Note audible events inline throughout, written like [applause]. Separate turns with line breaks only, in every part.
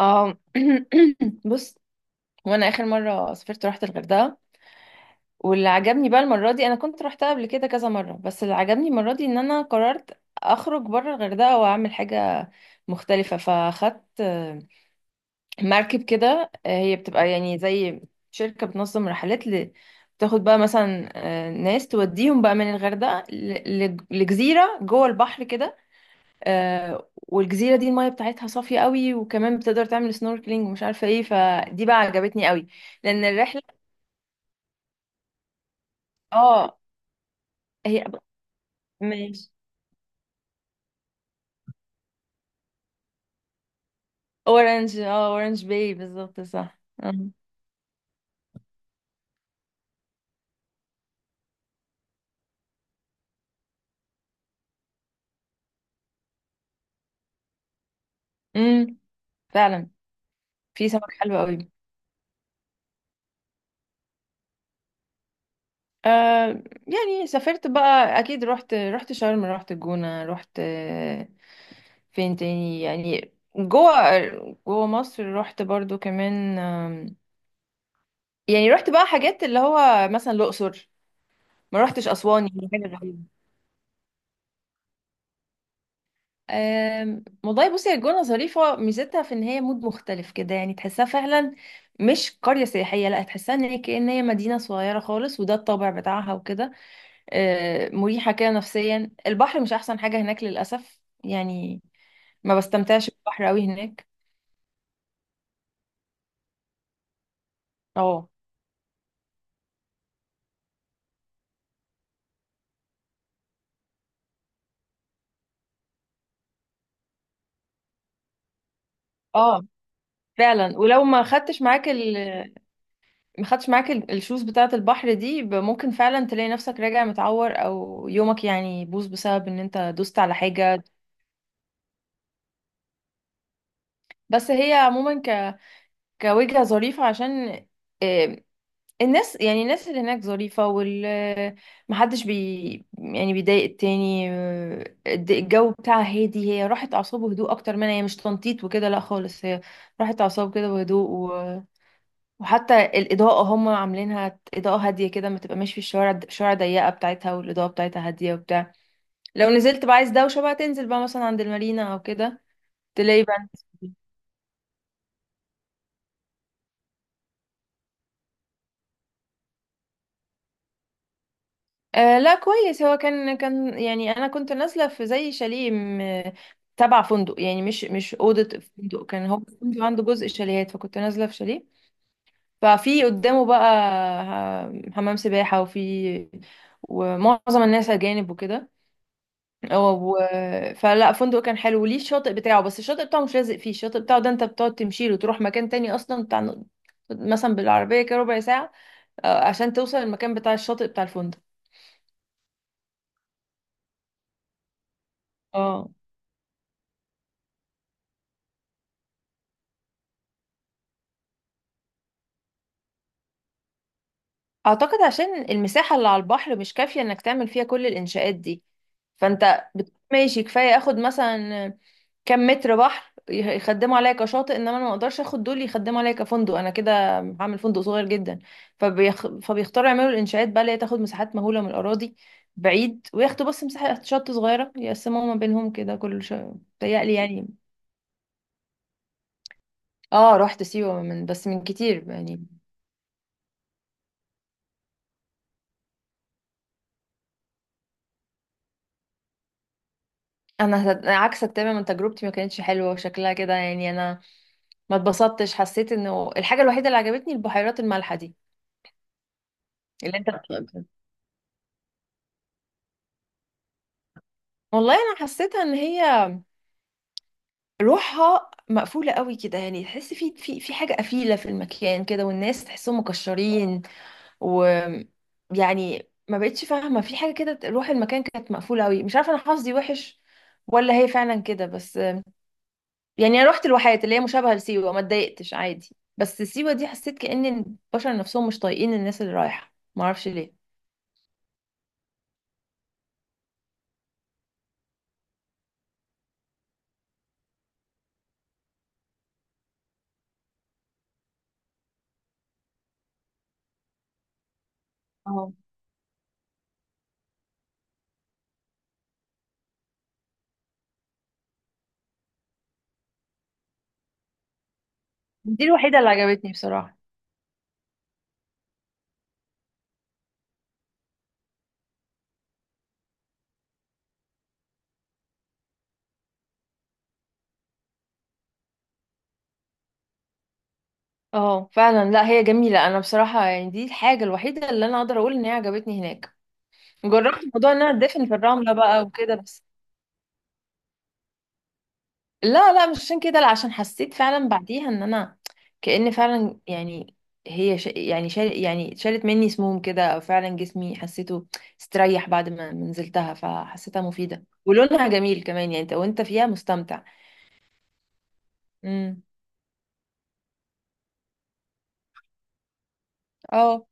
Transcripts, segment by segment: اه. [clears throat] بص. وانا اخر مره سافرت رحت الغردقه. واللي عجبني بقى المره دي، انا كنت رحتها قبل كده كذا مره، بس اللي عجبني المره دي ان انا قررت اخرج بره الغردقه واعمل حاجه مختلفه. فاخدت مركب كده. هي بتبقى يعني زي شركه بتنظم رحلات. بتاخد بقى مثلا، ناس توديهم بقى من الغردقه. لجزيره جوه البحر كده. والجزيرة دي المية بتاعتها صافية قوي، وكمان بتقدر تعمل سنوركلينج ومش عارفة ايه، فدي بقى عجبتني قوي. لأن الرحلة. اه. هي. ماشي. اورنج باي بالظبط، صح. امم فعلا، في سمك حلو قوي. آه يعني سافرت بقى اكيد، رحت شرم، رحت الجونة، رحت فين تاني؟ يعني جوه مصر رحت برضو كمان، يعني رحت بقى حاجات اللي هو مثلا الأقصر. ما رحتش اسوان، يعني حاجه غريبه. والله بصي، هي الجونه ظريفه، ميزتها في ان هي مود مختلف كده يعني تحسها فعلا، مش قريه سياحيه، لا، تحسها ان هي كأن هي مدينه صغيره خالص، وده الطابع بتاعها وكده. مريحه كده نفسيا، البحر مش احسن حاجه هناك للاسف يعني. ما بستمتعش بالبحر قوي هناك. اه، اه، فعلا. ولو ما خدتش معاك الشوز بتاعه البحر دي، ممكن فعلا تلاقي نفسك راجع متعور، او يومك يعني يبوظ بسبب ان انت دوست على حاجه. بس هي عموما كوجهة ظريفة، عشان آه، الناس، يعني الناس اللي هناك ظريفة، محدش يعني بيضايق التاني، الجو بتاعها هادي، هي راحت أعصاب وهدوء أكتر، منها هي مش تنطيط وكده، لا خالص، هي راحت أعصاب كده وهدوء. وحتى الإضاءة هم عاملينها إضاءة هادية كده، ما تبقى ماشي في الشوارع، الشوارع ضيقة بتاعتها، والإضاءة بتاعتها هادية وبتاع. لو نزلت بقى عايز دوشة، بقى تنزل بقى مثلا عند المارينا أو كده. تلاقي بقى. آه، لا كويس، هو كان يعني انا كنت نازله في زي شاليه تبع فندق، يعني مش اوضه فندق، كان هو الفندق عنده جزء شاليهات، فكنت نازله في شاليه. ففي قدامه بقى حمام سباحه، ومعظم الناس اجانب وكده و... فلا، فندق كان حلو وليه الشاطئ بتاعه، بس الشاطئ بتاعه مش لازق فيه، الشاطئ بتاعه ده انت بتقعد تمشي له تروح مكان تاني اصلا بتاع، مثلا بالعربيه كده ربع ساعه، عشان توصل المكان بتاع الشاطئ بتاع الفندق. اه، اعتقد عشان المساحة اللي على البحر مش كافية انك تعمل فيها كل الانشاءات دي. فانت ماشي، كفاية اخد مثلا كم متر بحر يخدموا عليا كشاطئ، انما انا ما اقدرش اخد دول يخدموا عليا كفندق، انا كده هعمل فندق صغير جدا. فبيختاروا يعملوا الانشاءات بقى اللي هي تاخد مساحات مهولة من الاراضي بعيد، وياخدوا بس مساحة شط صغيرة يقسموها ما بينهم كده كل شيء. بيتهيألي يعني. اه، رحت سيوة بس من كتير يعني. أنا عكسك تماما، تجربتي ما كانتش حلوة وشكلها كده يعني، انا ما اتبسطتش، حسيت انه الحاجه الوحيده اللي عجبتني البحيرات المالحه دي اللي انت بتقولها. والله انا حسيتها ان هي روحها مقفوله قوي كده، يعني تحس في حاجه قفيله في المكان كده، والناس تحسهم مكشرين، و يعني ما بقتش فاهمه في حاجه كده، روح المكان كانت مقفوله قوي، مش عارفه انا حظي وحش ولا هي فعلا كده، بس يعني انا رحت الواحات اللي هي مشابهه لسيوه ما اتضايقتش عادي، بس سيوه دي حسيت كأن البشر نفسهم مش طايقين الناس اللي رايحه، ما اعرفش ليه. دي الوحيدة اللي عجبتني بصراحة. اه، فعلا، لا هي جميلة، انا بصراحة يعني دي الحاجة الوحيدة اللي انا اقدر اقول ان هي عجبتني هناك. جربت موضوع ان انا ادفن في الرملة بقى وكده بس. لا، لا، مش عشان كده، لا، عشان حسيت فعلا بعديها ان انا كأن فعلا يعني، هي يعني يعني شالت مني سموم كده، او فعلا جسمي حسيته استريح بعد ما نزلتها، فحسيتها مفيدة ولونها جميل كمان، يعني انت وانت فيها مستمتع. امم. اه.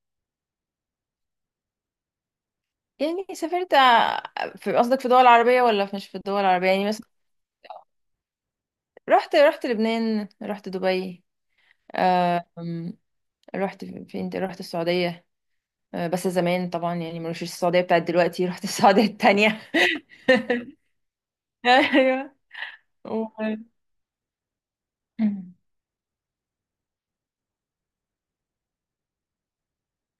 يعني سافرت. في قصدك في دول عربية ولا مش في الدول العربية، يعني مثلا؟ رحت لبنان، رحت دبي، آم، رحت فين تاني؟ رحت السعودية، بس زمان طبعا يعني، مش السعودية بتاعت دلوقتي، رحت السعودية التانية. [laughs] ايوه و-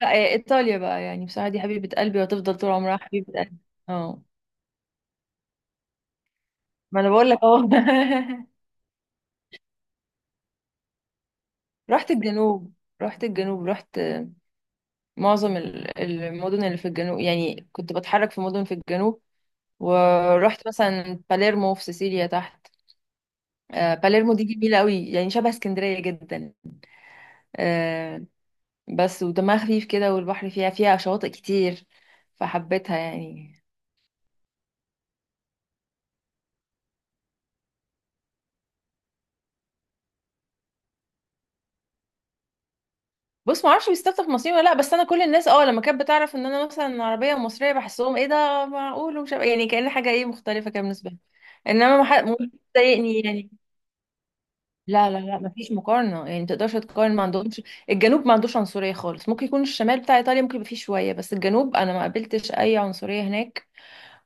لا، ايطاليا بقى، يعني بصراحة دي حبيبة قلبي، وهتفضل طول عمرها حبيبة قلبي. اه، ما انا بقول لك اهو. [laughs] رحت الجنوب رحت الجنوب، رحت معظم المدن اللي في الجنوب، يعني كنت بتحرك في مدن في الجنوب، ورحت مثلا باليرمو في سيسيليا تحت. باليرمو دي جميلة قوي، يعني شبه اسكندرية جدا، آه، بس ودمها خفيف كده، والبحر فيها شواطئ كتير، فحبيتها يعني. بص، ما اعرفش بيستفتح في مصريين ولا لا، بس انا كل الناس لما كانت بتعرف ان انا مثلا عربيه ومصريه بحسهم ايه ده معقول، ومش يعني كأن حاجه ايه مختلفه كده بالنسبه لي، انما ما حد ممكن تضايقني يعني. لا، لا، لا، مفيش مقارنة، يعني متقدرش تقارن، ما عندهمش. الجنوب ما عندوش عنصرية خالص، ممكن يكون الشمال بتاع إيطاليا ممكن يبقى فيه شوية، بس الجنوب أنا ما قابلتش أي عنصرية هناك،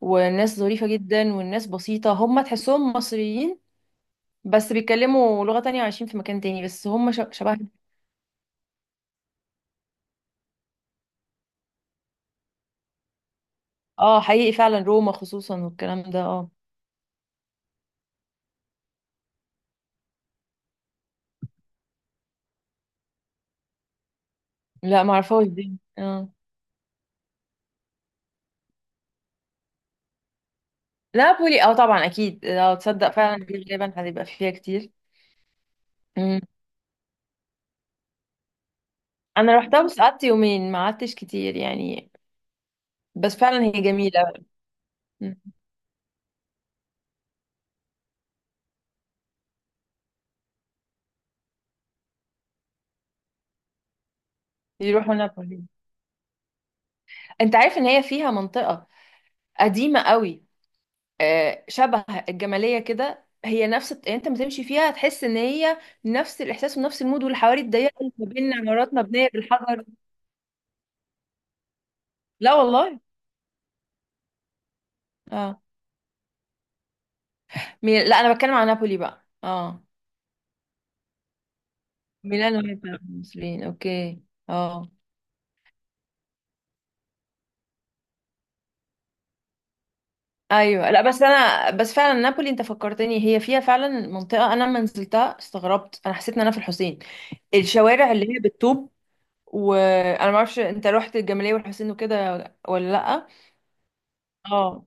والناس ظريفة جدا، والناس بسيطة، هم تحسهم مصريين، بس بيتكلموا لغة تانية وعايشين في مكان تاني، بس هم شبه. اه، حقيقي فعلا، روما خصوصا، والكلام ده، اه. لا، معرفهاش دي، اه. نابولي، اه، طبعا أكيد، لو تصدق فعلا دي غالبا هتبقى فيها كتير. مم. أنا روحتها بس قعدت يومين، ما قعدتش كتير يعني. بس فعلا هي جميلة. يروحوا نابولي. انت عارف ان هي فيها منطقة قديمة قوي، شبه الجمالية كده، هي نفس يعني، انت ما تمشي فيها تحس ان هي نفس الاحساس ونفس المود، والحواري الضيقة اللي ما بين عمارات مبنية بالحجر. لا والله. اه، لا، انا بتكلم عن نابولي بقى، اه. ميلانو هي بتاعت المصريين، اوكي، اه. ايوه، لا بس انا بس فعلا نابولي انت فكرتني، هي فيها فعلا منطقه، انا لما نزلتها استغربت، انا حسيت ان انا في الحسين، الشوارع اللي هي بالطوب، وانا ما اعرفش انت رحت الجمالية والحسين وكده ولا لا؟ اه،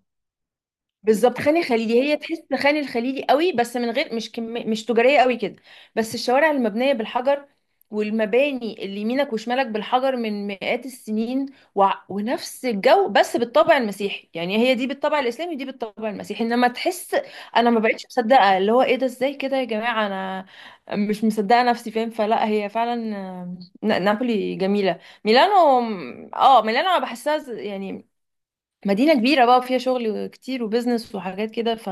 بالظبط خان [laughs] الخليلي، هي تحس خان الخليلي قوي، بس من غير، مش مش تجارية قوي كده، بس الشوارع المبنية بالحجر، والمباني اللي يمينك وشمالك بالحجر من مئات السنين و... ونفس الجو بس بالطابع المسيحي، يعني هي دي بالطابع الإسلامي ودي بالطابع المسيحي، انما تحس. انا ما بقتش مصدقة، اللي هو ايه ده ازاي كده يا جماعة، انا مش مصدقة نفسي، فاهم؟ فلا هي فعلا، نابولي جميلة. ميلانو. اه، ميلانو انا بحسها يعني مدينة كبيرة بقى فيها شغل كتير وبزنس وحاجات كده ف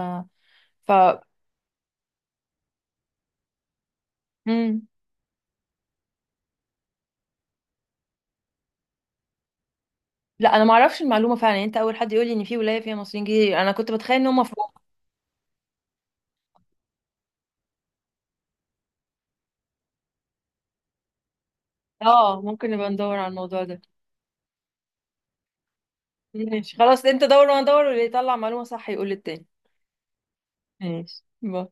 ف مم. لا، انا ما اعرفش المعلومة فعلا، يعني انت اول حد يقول لي ان في ولاية فيها مصريين كتير، انا كنت بتخيل ان هم في. اه، ممكن نبقى ندور على الموضوع ده. ماشي خلاص، انت دور وانا ادور، واللي يطلع معلومة صح يقول للتاني. ماشي. باي.